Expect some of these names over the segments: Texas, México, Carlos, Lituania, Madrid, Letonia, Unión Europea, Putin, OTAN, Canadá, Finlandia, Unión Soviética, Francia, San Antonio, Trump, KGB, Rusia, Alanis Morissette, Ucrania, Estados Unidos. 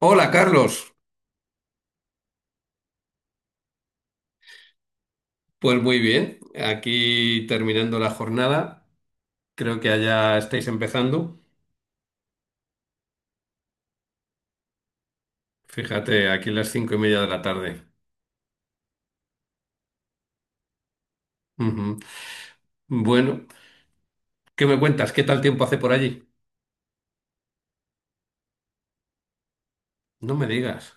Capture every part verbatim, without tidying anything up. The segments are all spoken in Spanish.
Hola Carlos, pues muy bien, aquí terminando la jornada, creo que allá estáis empezando, fíjate, aquí las cinco y media de la tarde. Ujú. Bueno, ¿qué me cuentas? ¿Qué tal tiempo hace por allí? No me digas.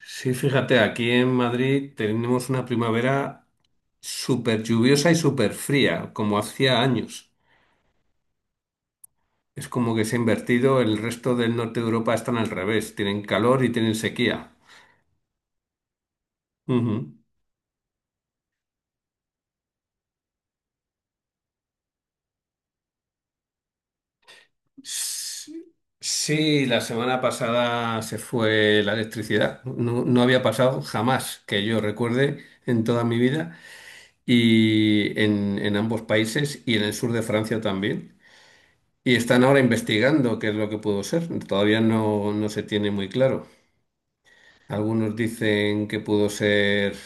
Sí, fíjate, aquí en Madrid tenemos una primavera súper lluviosa y súper fría, como hacía años. Es como que se ha invertido, el resto del norte de Europa están al revés, tienen calor y tienen sequía. Ujú. Sí, la semana pasada se fue la electricidad. No, no había pasado jamás que yo recuerde en toda mi vida y en, en ambos países y en el sur de Francia también. Y están ahora investigando qué es lo que pudo ser. Todavía no, no se tiene muy claro. Algunos dicen que pudo ser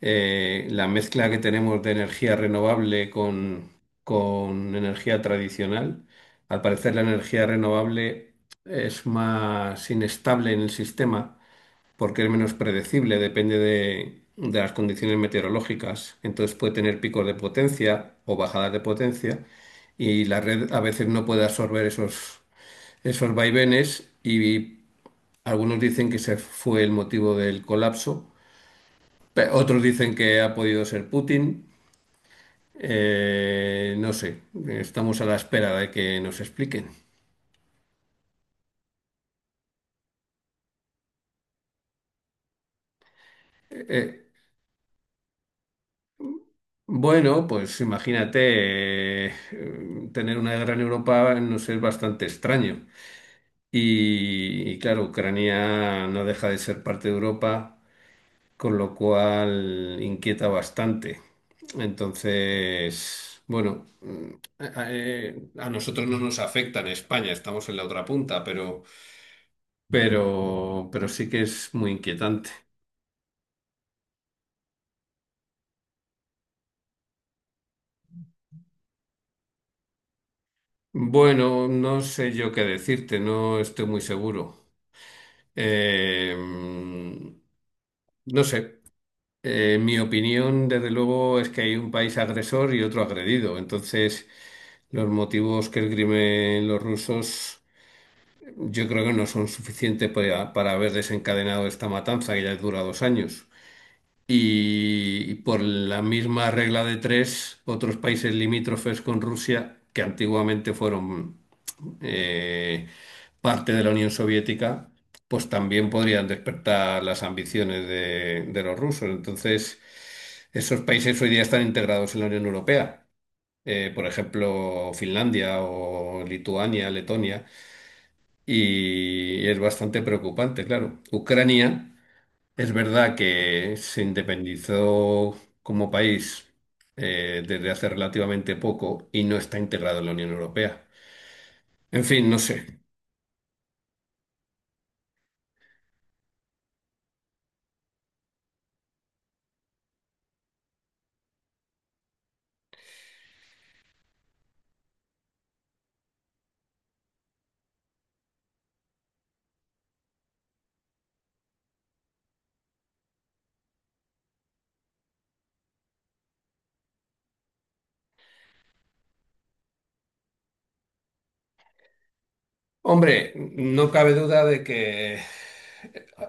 eh, la mezcla que tenemos de energía renovable con, con energía tradicional. Al parecer la energía renovable es más inestable en el sistema porque es menos predecible, depende de, de las condiciones meteorológicas. Entonces puede tener picos de potencia o bajadas de potencia y la red a veces no puede absorber esos, esos vaivenes y algunos dicen que ese fue el motivo del colapso. Pe- Otros dicen que ha podido ser Putin, eh, no sé, estamos a la espera de que nos expliquen. Eh, bueno, pues imagínate, eh, tener una guerra en Europa nos es bastante extraño. Y, y claro, Ucrania no deja de ser parte de Europa, con lo cual inquieta bastante. Entonces, bueno, eh, a nosotros no nos afecta en España, estamos en la otra punta, pero, pero, pero sí que es muy inquietante. Bueno, no sé yo qué decirte, no estoy muy seguro. Eh, no sé, Eh, mi opinión desde luego es que hay un país agresor y otro agredido. Entonces, los motivos que esgrimen los rusos yo creo que no son suficientes para, para haber desencadenado esta matanza que ya dura dos años. Y por la misma regla de tres, otros países limítrofes con Rusia, que antiguamente fueron eh, parte de la Unión Soviética, pues también podrían despertar las ambiciones de, de los rusos. Entonces, esos países hoy día están integrados en la Unión Europea. Eh, por ejemplo, Finlandia o Lituania, Letonia, y es bastante preocupante, claro. Ucrania. Es verdad que se independizó como país eh, desde hace relativamente poco y no está integrado en la Unión Europea. En fin, no sé. Hombre, no cabe duda de que, eh,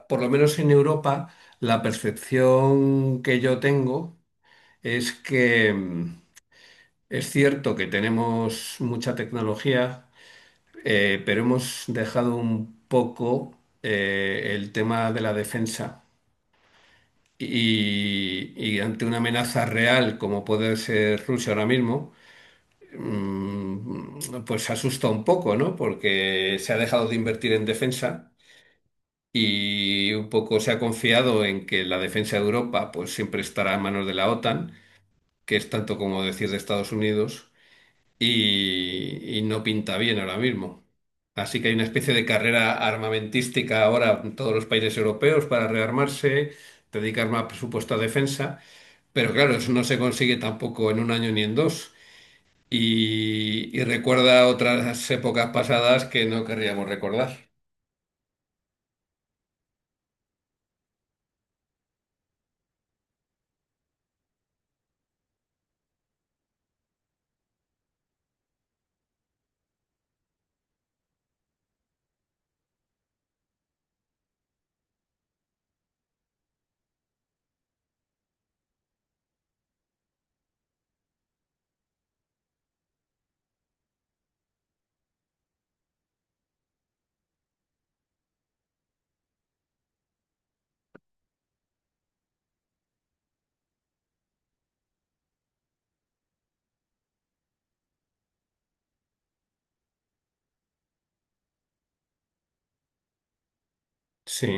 por lo menos en Europa, la percepción que yo tengo es que mm, es cierto que tenemos mucha tecnología, eh, pero hemos dejado un poco eh, el tema de la defensa. y, y ante una amenaza real como puede ser Rusia ahora mismo, mm, pues asusta un poco, ¿no? Porque se ha dejado de invertir en defensa y un poco se ha confiado en que la defensa de Europa pues siempre estará a manos de la O T A N, que es tanto como decir de Estados Unidos, y, y no pinta bien ahora mismo. Así que hay una especie de carrera armamentística ahora en todos los países europeos para rearmarse, dedicar más presupuesto a defensa. Pero claro, eso no se consigue tampoco en un año ni en dos. Y, y recuerda otras épocas pasadas que no querríamos recordar. Sí.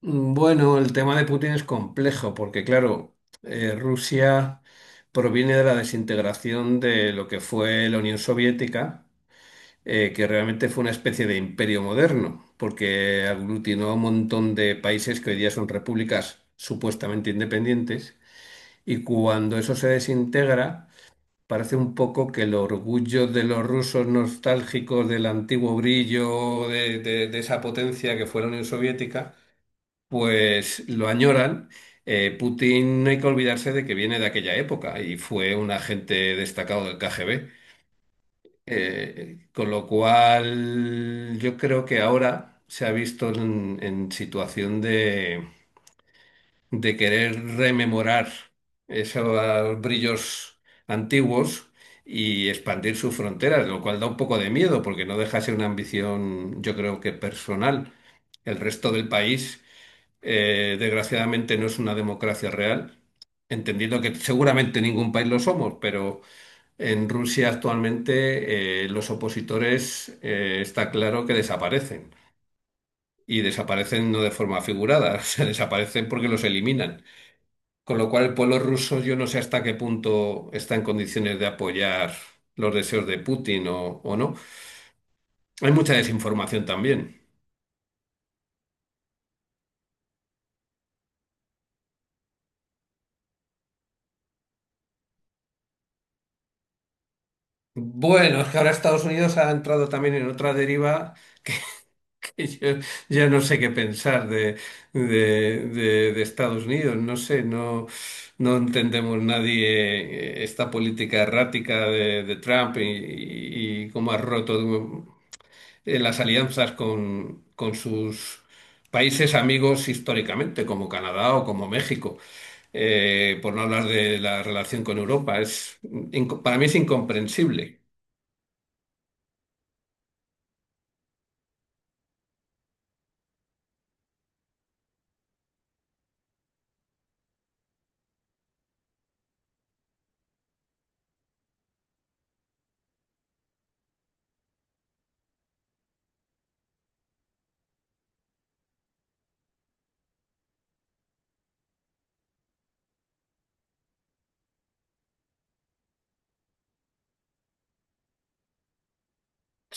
Mm, Bueno, el tema de Putin es complejo porque, claro, eh, Rusia proviene de la desintegración de lo que fue la Unión Soviética, eh, que realmente fue una especie de imperio moderno, porque aglutinó a un montón de países que hoy día son repúblicas supuestamente independientes. Y cuando eso se desintegra, parece un poco que el orgullo de los rusos nostálgicos del antiguo brillo de, de- de esa potencia que fue la Unión Soviética, pues lo añoran. Eh, Putin no hay que olvidarse de que viene de aquella época y fue un agente destacado del K G B. Eh, con lo cual, yo creo que ahora se ha visto en en situación de querer rememorar esos brillos antiguos y expandir sus fronteras, lo cual da un poco de miedo porque no deja de ser una ambición, yo creo que personal. El resto del país, eh, desgraciadamente, no es una democracia real, entendiendo que seguramente ningún país lo somos, pero en Rusia actualmente eh, los opositores eh, está claro que desaparecen. Y desaparecen no de forma figurada, se desaparecen porque los eliminan. Con lo cual, el pueblo ruso yo no sé hasta qué punto está en condiciones de apoyar los deseos de Putin o, o no. Hay mucha desinformación también. Bueno, es que ahora Estados Unidos ha entrado también en otra deriva que, que yo ya no sé qué pensar de, de- de- de Estados Unidos. No sé, no, no entendemos nadie eh, esta política errática de, de Trump y, y- y cómo ha roto eh, las alianzas con, con sus países amigos históricamente, como Canadá o como México, eh, por no hablar de la relación con Europa. Es, inco- para mí es incomprensible.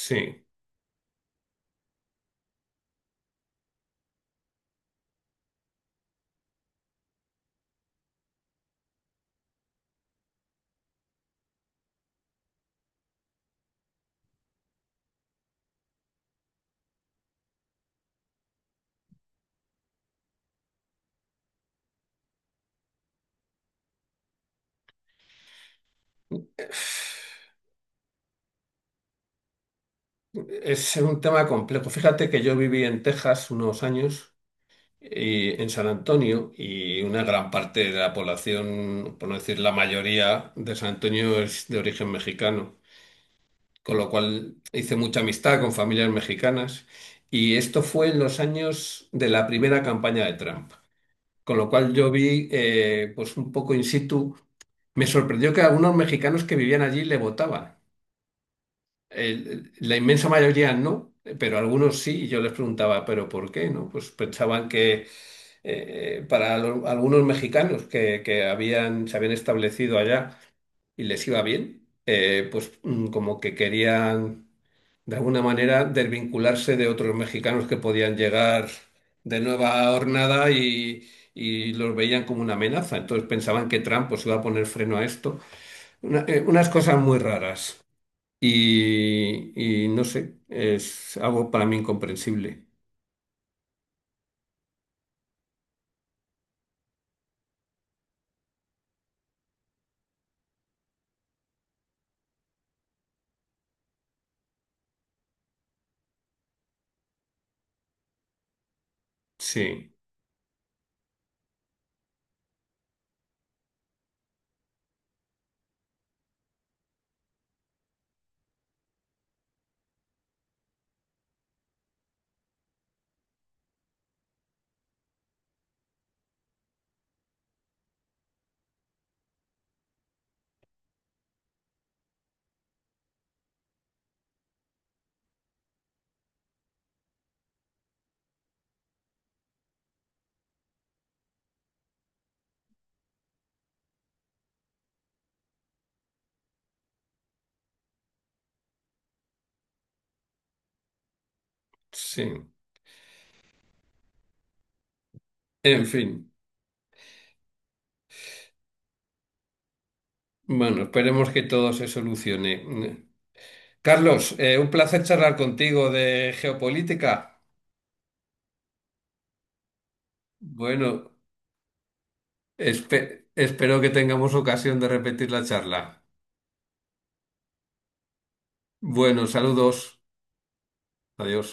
Sí, es un tema complejo. Fíjate que yo viví en Texas unos años, y en San Antonio, y una gran parte de la población, por no decir la mayoría de San Antonio, es de origen mexicano, con lo cual hice mucha amistad con familias mexicanas. Y esto fue en los años de la primera campaña de Trump, con lo cual yo vi eh, pues un poco in situ. Me sorprendió que algunos mexicanos que vivían allí le votaban. El- la inmensa mayoría no, pero algunos sí. Y yo les preguntaba, ¿pero por qué? ¿No? Pues pensaban que eh, para lo- algunos mexicanos que, que habían, se habían establecido allá y les iba bien, eh, pues mm, como que querían de alguna manera desvincularse de otros mexicanos que podían llegar de nueva hornada y, y los veían como una amenaza. Entonces pensaban que Trump pues iba a poner freno a esto. Una- eh, unas cosas muy raras. Y, y no sé, es algo para mí incomprensible. Sí, sí. En fin, bueno, esperemos que todo se solucione. Carlos, eh, un placer charlar contigo de geopolítica. Bueno. Espe- espero que tengamos ocasión de repetir la charla. Bueno, saludos. Adiós.